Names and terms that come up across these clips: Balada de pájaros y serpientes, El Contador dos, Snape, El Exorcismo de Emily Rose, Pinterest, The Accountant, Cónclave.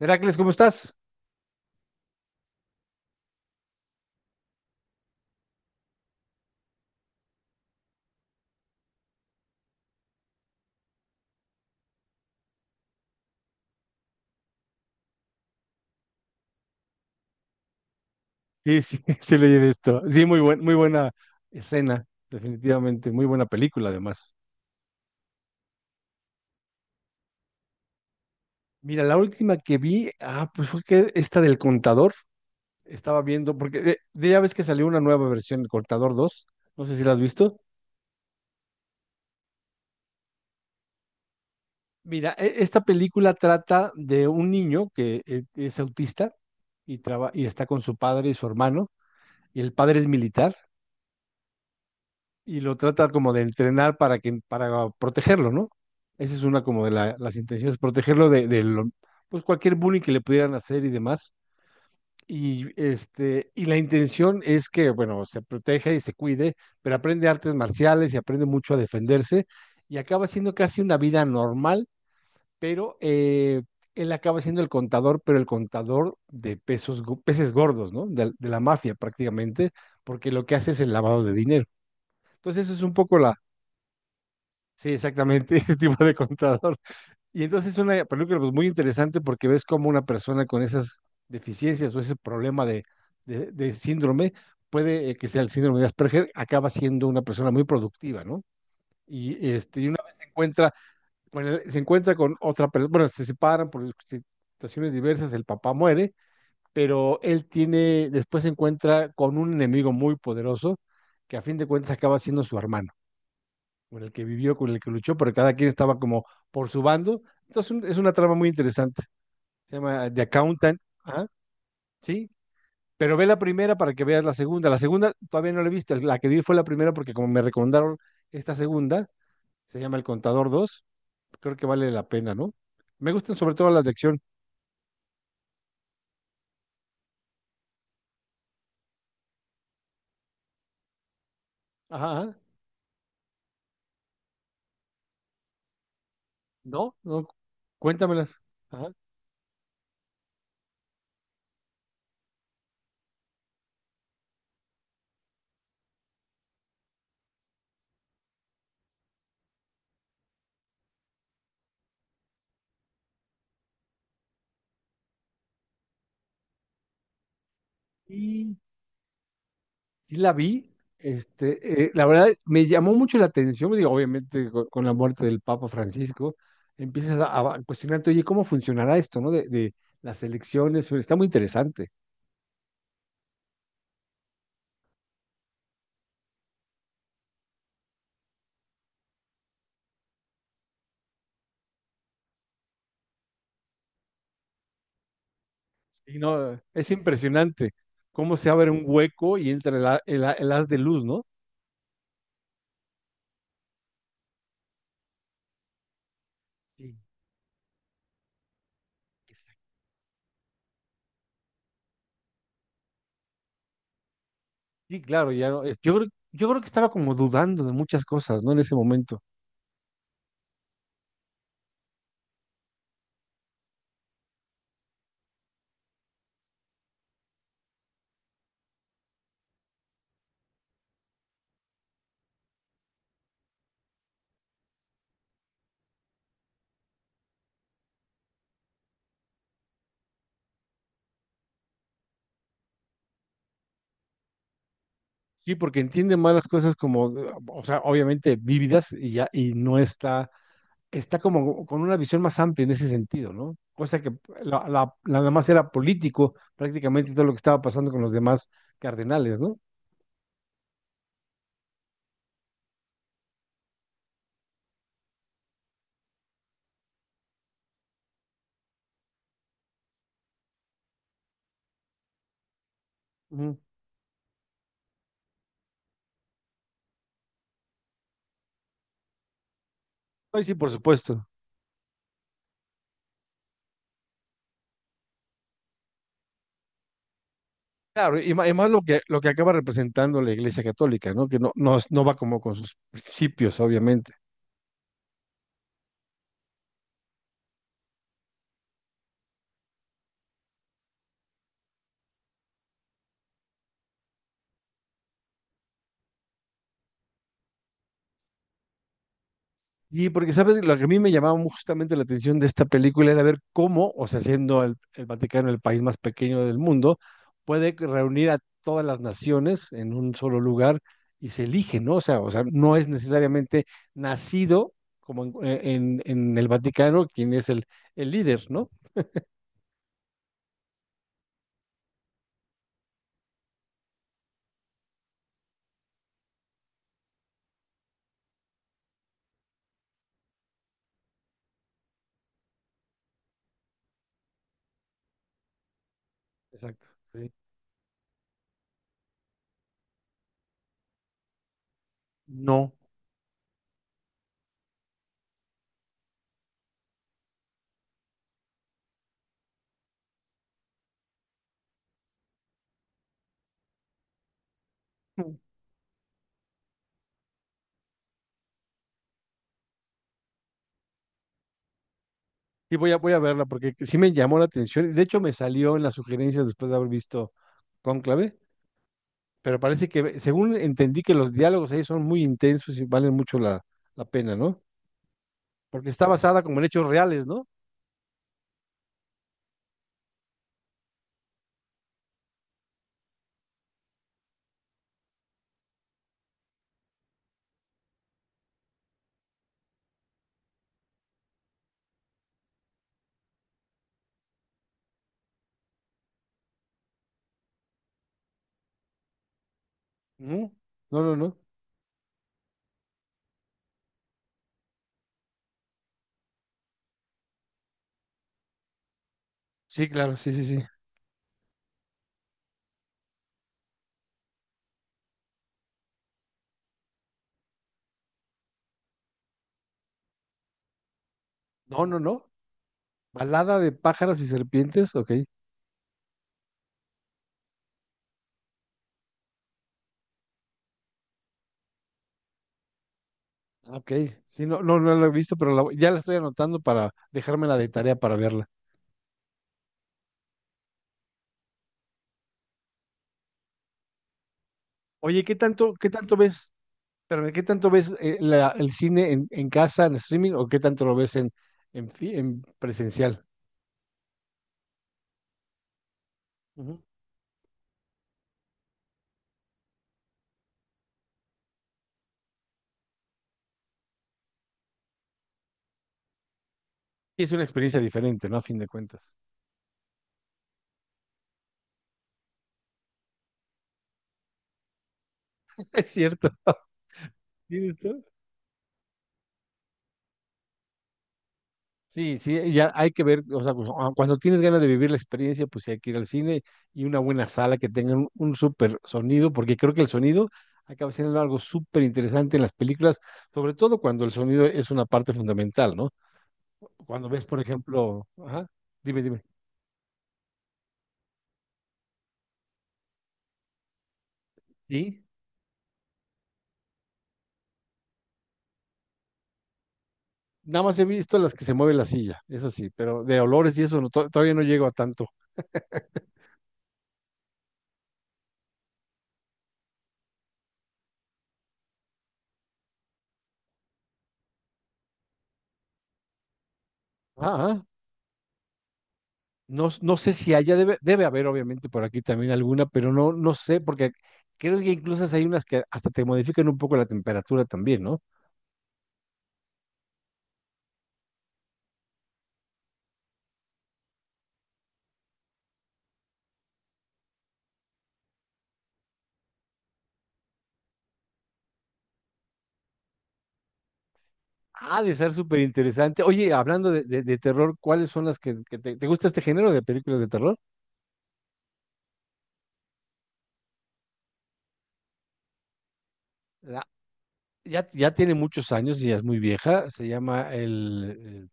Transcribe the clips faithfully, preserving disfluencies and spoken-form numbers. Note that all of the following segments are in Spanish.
Heracles, ¿cómo estás? Sí, sí, sí leí de esto. Sí, muy buen, muy buena escena, definitivamente, muy buena película además. Mira, la última que vi, ah, pues fue que esta del Contador, estaba viendo, porque de, de- ya ves que salió una nueva versión, el Contador dos. No sé si la has visto. Mira, e- esta película trata de un niño que eh, es autista y, traba- y está con su padre y su hermano, y el padre es militar, y lo trata como de entrenar para que, para protegerlo, ¿no? Esa es una como de la- las intenciones, protegerlo de, de lo- pues cualquier bullying que le pudieran hacer y demás. Y este, y la intención es que, bueno, se proteja y se cuide, pero aprende artes marciales y aprende mucho a defenderse y acaba siendo casi una vida normal, pero eh, él acaba siendo el contador, pero el contador de pesos, go- peces gordos, ¿no? De, de la mafia prácticamente, porque lo que hace es el lavado de dinero. Entonces, eso es un poco. Sí, exactamente, ese tipo de contador. Y entonces es una película pues, muy interesante porque ves cómo una persona con esas deficiencias o ese problema de, de- de síndrome, puede eh, que sea el síndrome de Asperger, acaba siendo una persona muy productiva, ¿no? Y, este, y una vez se encuentra, bueno el- se encuentra con otra persona, bueno, se separan por situaciones diversas, el papá muere, pero él tiene, después se encuentra con un enemigo muy poderoso que a fin de cuentas acaba siendo su hermano con el que vivió, con el que luchó, pero cada quien estaba como por su bando. Entonces un- es una trama muy interesante. Se llama The Accountant. Ajá. Sí, pero ve la primera para que veas la segunda. La segunda todavía no la he visto. La que vi fue la primera porque como me recomendaron esta segunda, se llama El Contador dos. Creo que vale la pena, ¿no? Me gustan sobre todo las de acción. Ajá, ajá. No, no, cuéntamelas. Ajá. Sí la vi, este, eh, la verdad me llamó mucho la atención, digo, obviamente co- con, la muerte del Papa Francisco, empiezas a, a cuestionarte, oye, ¿cómo funcionará esto, no? De, de las elecciones, está muy interesante. Sí, no, es impresionante cómo se abre un hueco y entra el, a- el a- el haz de luz, ¿no? Sí, exacto. Sí, claro, ya no, es- yo, creo- yo creo que estaba como dudando de muchas cosas, ¿no? En ese momento. Sí, porque entiende más las cosas como, o sea, obviamente vívidas y ya, y no está, está como con una visión más amplia en ese sentido, ¿no? Cosa que la, la- nada más era político prácticamente todo lo que estaba pasando con los demás cardenales, ¿no? Ujú. Ay, sí, por supuesto. Claro, y ma- y más lo que, lo que acaba representando la Iglesia Católica, ¿no? Que no, no, es- no va como con sus principios, obviamente. Y porque, ¿sabes? Lo que a mí me llamaba mu- justamente la atención de esta película era ver cómo, o sea, siendo el, el Vaticano el país más pequeño del mundo, puede que reunir a todas las naciones en un solo lugar y se elige, ¿no? O sea, o sea, no es necesariamente nacido como en, e, en- en el Vaticano quien es el, el líder, ¿no? Exacto, sí. No. Y voy a, voy a verla porque sí me llamó la atención. De hecho, me salió en las sugerencias después de haber visto Cónclave, pero parece que, según entendí, que los diálogos ahí son muy intensos y valen mucho la, la pena, ¿no? Porque está basada como en hechos reales, ¿no? Ujú. No, no, no. Sí, claro, sí, sí, sí. No, no, no. Balada de pájaros y serpientes, ok. Ah, ok. Sí, no, no, no la he visto, pero la ya la estoy anotando para dejármela de tarea para verla. Oye, ¿qué tanto, qué tanto ves? Espérame, ¿qué tanto ves eh, la- el cine en, en casa, en streaming, o qué tanto lo ves en, en, fi- en presencial? Ujú. Sí, es una experiencia diferente, ¿no? A fin de cuentas. Es cierto. ¿Tienes tú? Sí, sí, ya hay que ver, o sea, cu- ah, cuando tienes ganas de vivir la experiencia, pues sí hay que ir al cine y una buena sala que tenga un, un súper sonido, porque creo que el sonido acaba siendo algo súper interesante en las películas, sobre todo cuando el sonido es una parte fundamental, ¿no? Cuando ves, por ejemplo, ajá, dime, dime. Sí, nada más he visto las que se mueve la silla, es así, pero de olores y eso no, to- todavía no llego a tanto. Ajá. No, no sé si haya, debe, debe haber, obviamente, por aquí también alguna, pero no, no sé, porque creo que incluso hay unas que hasta te modifican un poco la temperatura también, ¿no? Ah, de ser súper interesante. Oye, hablando de, de- de terror, ¿cuáles son las que, que te, te gusta este género de películas de terror? La- ya, ya tiene muchos años y ya es muy vieja. Se llama El, el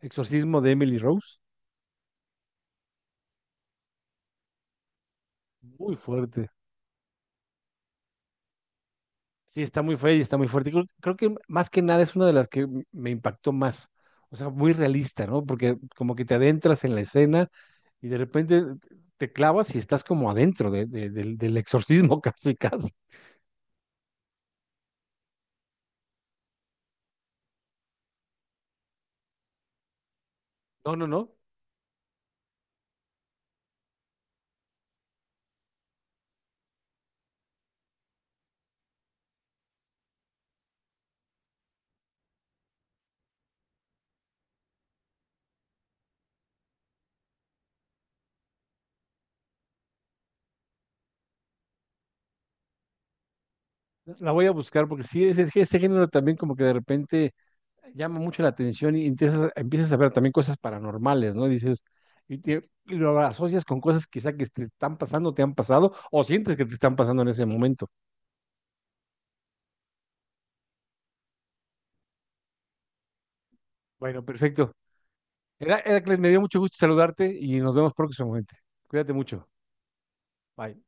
Exorcismo de Emily Rose. Muy fuerte. Sí, está muy fea y está muy fuerte. Creo, creo que más que nada es una de las que m- me impactó más. O sea, muy realista, ¿no? Porque como que te adentras en la escena y de repente te clavas y estás como adentro de- de- del, del exorcismo casi, casi. No, no, no. La voy a buscar porque sí, ese, ese género también como que de repente llama mucho la atención y empiezas, empiezas a ver también cosas paranormales, ¿no? Dices, y, te- y lo asocias con cosas quizá que te están pasando, te han pasado o sientes que te están pasando en ese momento. Bueno, perfecto. Era- Heracles, me dio mucho gusto saludarte y nos vemos próximamente. Cuídate mucho. Bye.